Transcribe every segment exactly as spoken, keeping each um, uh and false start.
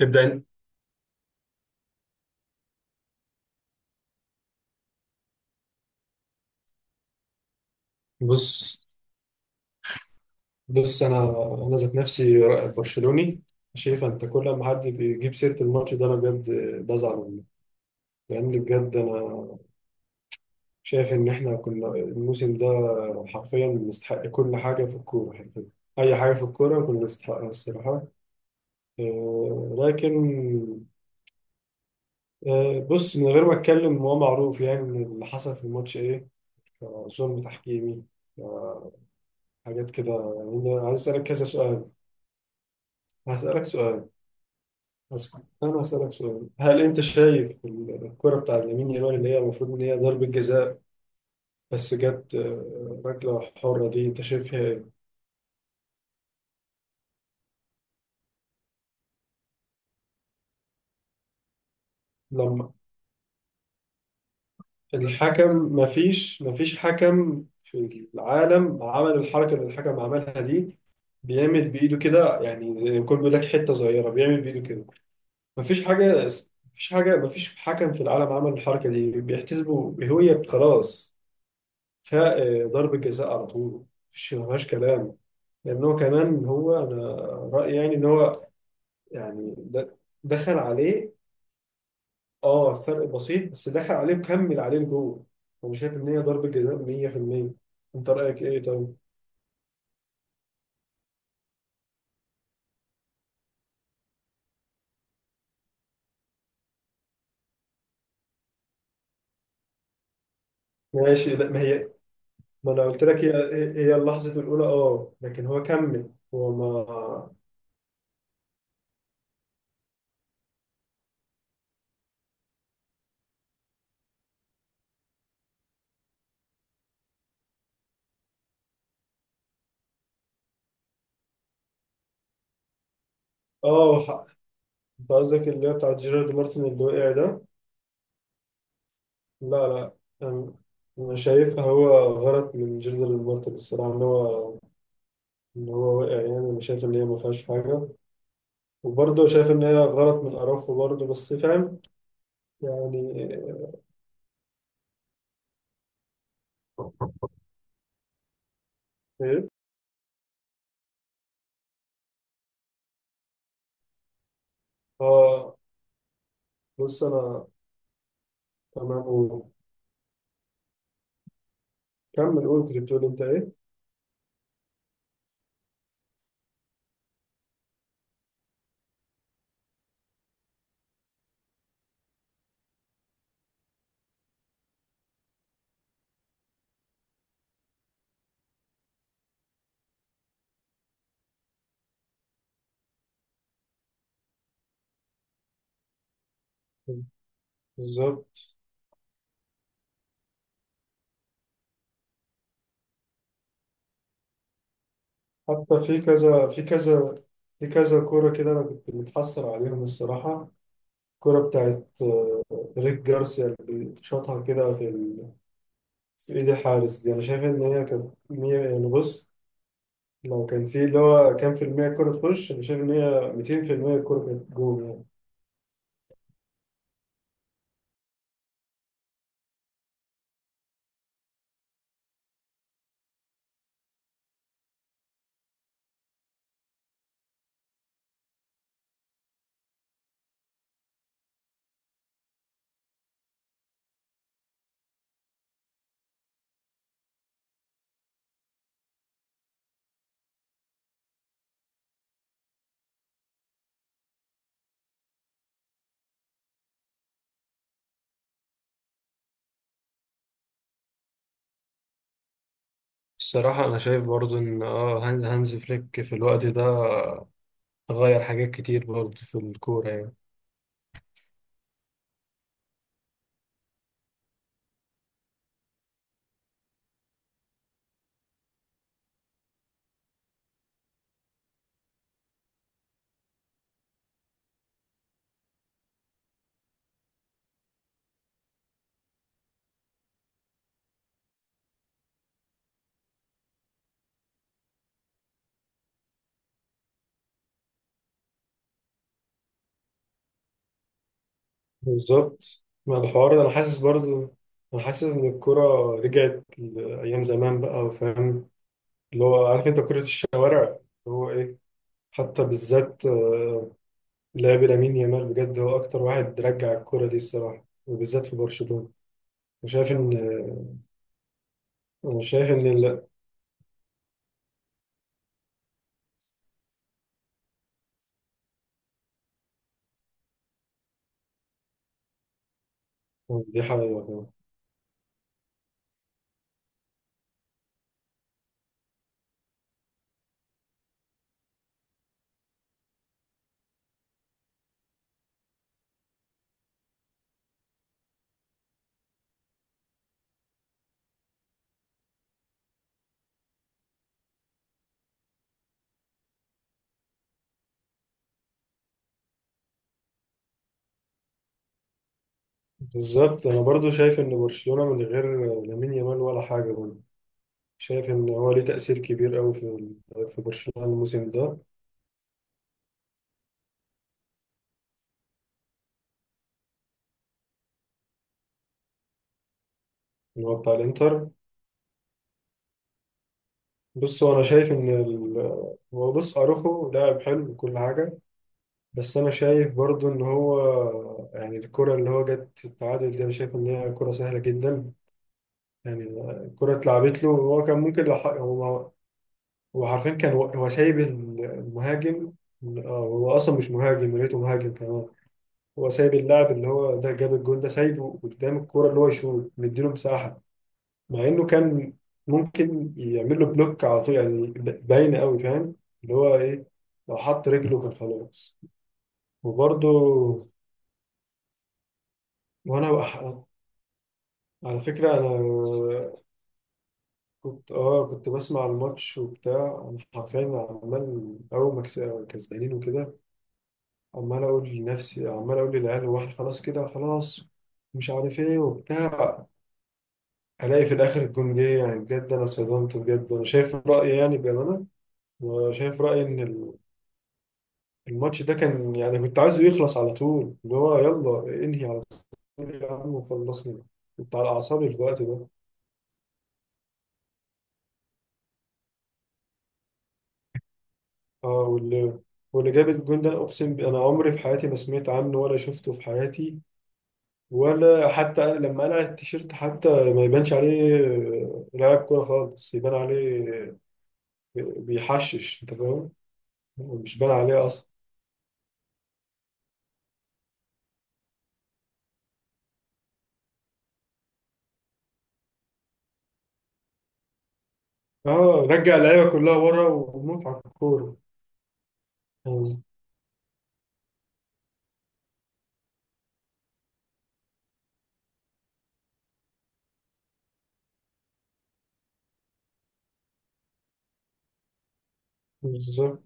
ابدأ انت. بص بص انا انا ذات نفسي، برشلوني ماشي. فانت كل ما حد بيجيب سيره الماتش ده انا بجد بزعل منه. لان بجد انا شايف ان احنا كنا الموسم ده حرفيا نستحق كل حاجه في الكوره، حرفيا اي حاجه في الكوره كنا نستحقها الصراحه. آه، لكن آه، بص، من غير ما اتكلم هو معروف يعني ان اللي حصل في الماتش ايه. آه، ظلم تحكيمي، آه، حاجات كده يعني. أنا عايز اسالك كذا سؤال. هسالك سؤال بس. أنا هسألك سؤال، هل أنت شايف الكرة بتاع لامين يامال اللي هي المفروض إن هي ضربة جزاء بس جت آه، ركلة حرة، دي أنت شايفها إيه؟ لما الحكم، مفيش مفيش حكم في العالم عمل الحركة اللي الحكم عملها دي. بيعمل بإيده كده، يعني زي ما يكون بيقول لك حتة صغيرة، بيعمل بإيده كده. مفيش حاجة مفيش حاجة مفيش حكم في العالم عمل الحركة دي بيحتسبوا. هي خلاص، فضرب الجزاء على طول. مفيش مفيهاش كلام. لان هو كمان، هو انا رايي يعني ان هو يعني د- دخل عليه. اه فرق بسيط، بس دخل عليه وكمل عليه لجوه. انا شايف ان هي ضربه جزاء مية في المية. انت رايك ايه طيب؟ ماشي، لا ما هي، ما انا قلت لك، هي هي اللحظه الاولى اه، لكن هو كمل، هو ما. اه ح- انت قصدك اللي هي بتاعت جيرارد مارتن اللي وقع ده. لا لا، انا أنا شايفها هو غلط من جيرارد مارتن الصراحه، ان هو ان هو وقع يعني. انا شايف ان هي ما فيهاش حاجه. وبرضه شايف إن هي غلط من أراوخو برضه، بس فاهم يعني. إيه؟ آه، بص أنا تمام، قول، كمل قول، كنت بتقول أنت إيه؟ بالظبط. حتى في كذا في كذا في كذا كورة كده أنا كنت متحسر عليهم الصراحة. الكورة بتاعت آه، ريك جارسيا اللي شاطها كده في في ايدي حارس دي، انا شايف ان هي كانت مية يعني. بص، لو كان في اللي هو كام في المية الكورة تخش، انا شايف ان هي ميتين في المية الكورة كانت جول يعني. الصراحة أنا شايف برضو إن آه هانز هانز فليك في الوقت ده غير حاجات كتير برضو في الكورة يعني. بالظبط، مع الحوار ده انا حاسس برضو. انا حاسس ان الكرة رجعت لايام زمان بقى، وفاهم اللي هو، عارف انت كرة الشوارع اللي هو ايه. حتى بالذات آه، لعب لامين يامال بجد، هو اكتر واحد رجع الكرة دي الصراحة، وبالذات في برشلونة. أنا شايف ان انا شايف ان، لا. دي حقيقة. بالظبط، انا برضو شايف ان برشلونة من غير لامين يامال ولا حاجة برضو. شايف ان هو ليه تأثير كبير قوي في في برشلونة الموسم ده. اللي هو بتاع الانتر. بص هو انا شايف ان ال... هو بص، اروخو لاعب حلو وكل حاجة، بس انا شايف برضو ان هو يعني الكرة اللي هو جت التعادل دي انا شايف ان هي كرة سهلة جدا يعني. الكرة اتلعبت له، هو كان ممكن لو ح- هو هو حرفيا كان هو هو سايب المهاجم. آه، هو اصلا مش مهاجم، يا ريته مهاجم كمان. هو سايب اللاعب اللي هو ده جاب الجون ده، سايبه قدام الكرة اللي هو يشوط، مديله مساحة. مع انه كان ممكن يعمل له بلوك على طول يعني. ب- باين قوي فاهم اللي هو ايه. لو حط رجله كان خلاص. وبرده وانا بح- على فكرة انا كنت، اه كنت بسمع الماتش وبتاع. انا حرفيا عمال، اول ما كس- كسبانين وكده، عمال اقول لنفسي، عمال اقول للعيال، هو احنا خلاص كده؟ خلاص مش عارف ايه وبتاع. الاقي في الاخر الجون جه يعني. بجد انا اتصدمت، بجد انا شايف رايي يعني بامانه. أنا شايف رايي ان ال- الماتش ده كان يعني كنت عايزه يخلص على طول. اللي هو يلا انهي على طول يا عم وخلصني. كنت على اعصابي في الوقت ده. اه، واللي واللي جاب الجون ده، انا اقسم ب- انا عمري في حياتي ما سمعت عنه ولا شفته في حياتي. ولا حتى أنا لما قلع التيشيرت حتى ما يبانش عليه آه، لاعب كوره خالص يبان عليه. بيحشش، انت فاهم. مش بان عليه اصلا. اه، رجع اللعيبه كلها ورا وموت على الكوره يعني. بالظبط.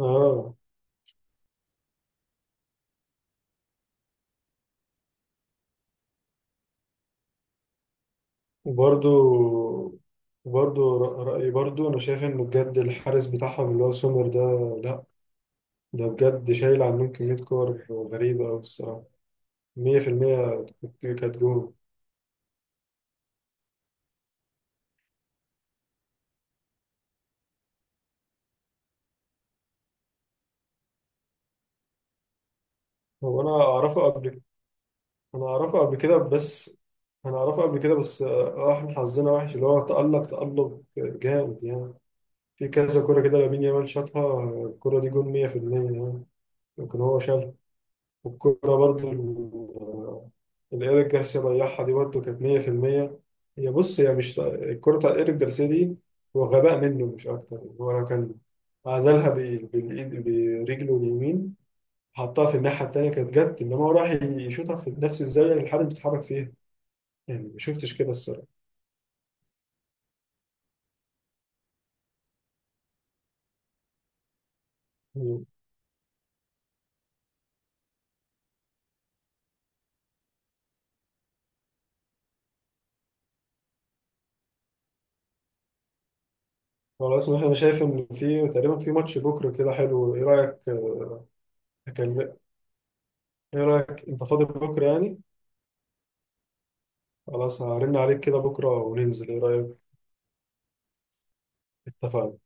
اه، وبرده وبرده رأيي برضو، أنا شايف إنه بجد الحارس بتاعهم اللي هو سومر ده، لأ ده بجد شايل عنهم كمية كور غريبة أوي الصراحة. مية في المية كانت جون. هو أنا أعرفه قبل. أنا أعرفه قبل كده بس أنا أعرفه قبل كده بس آه، إحنا حظنا وحش. اللي هو تألق، تألق جامد يعني. في كذا كورة كده لامين يامال شاطها، الكورة دي جون مية في المية يعني، لكن هو شال. والكورة برضو ال- اللي إيريك جارسيا ضيعها دي برضو كانت مية في المية. هي بص، هي مش الكورة بتاع إيريك جارسيا دي، هو غباء منه مش أكتر. هو لو كان عزلها بال- بالإيد، برجله اليمين، حطها في الناحية التانية كانت جت. إنما هو راح يشوطها في نفس الزاوية اللي الحارس بيتحرك فيها. يعني ما شفتش كده الصراحة. مم. خلاص، مثلا أنا شايف إن في تقريبا في ماتش بكرة كده حلو. إيه رأيك آه، أكلم. إيه رأيك، أنت فاضي بكرة يعني؟ خلاص، هرن عليك كده بكرة وننزل، إيه رأيك؟ اتفقنا.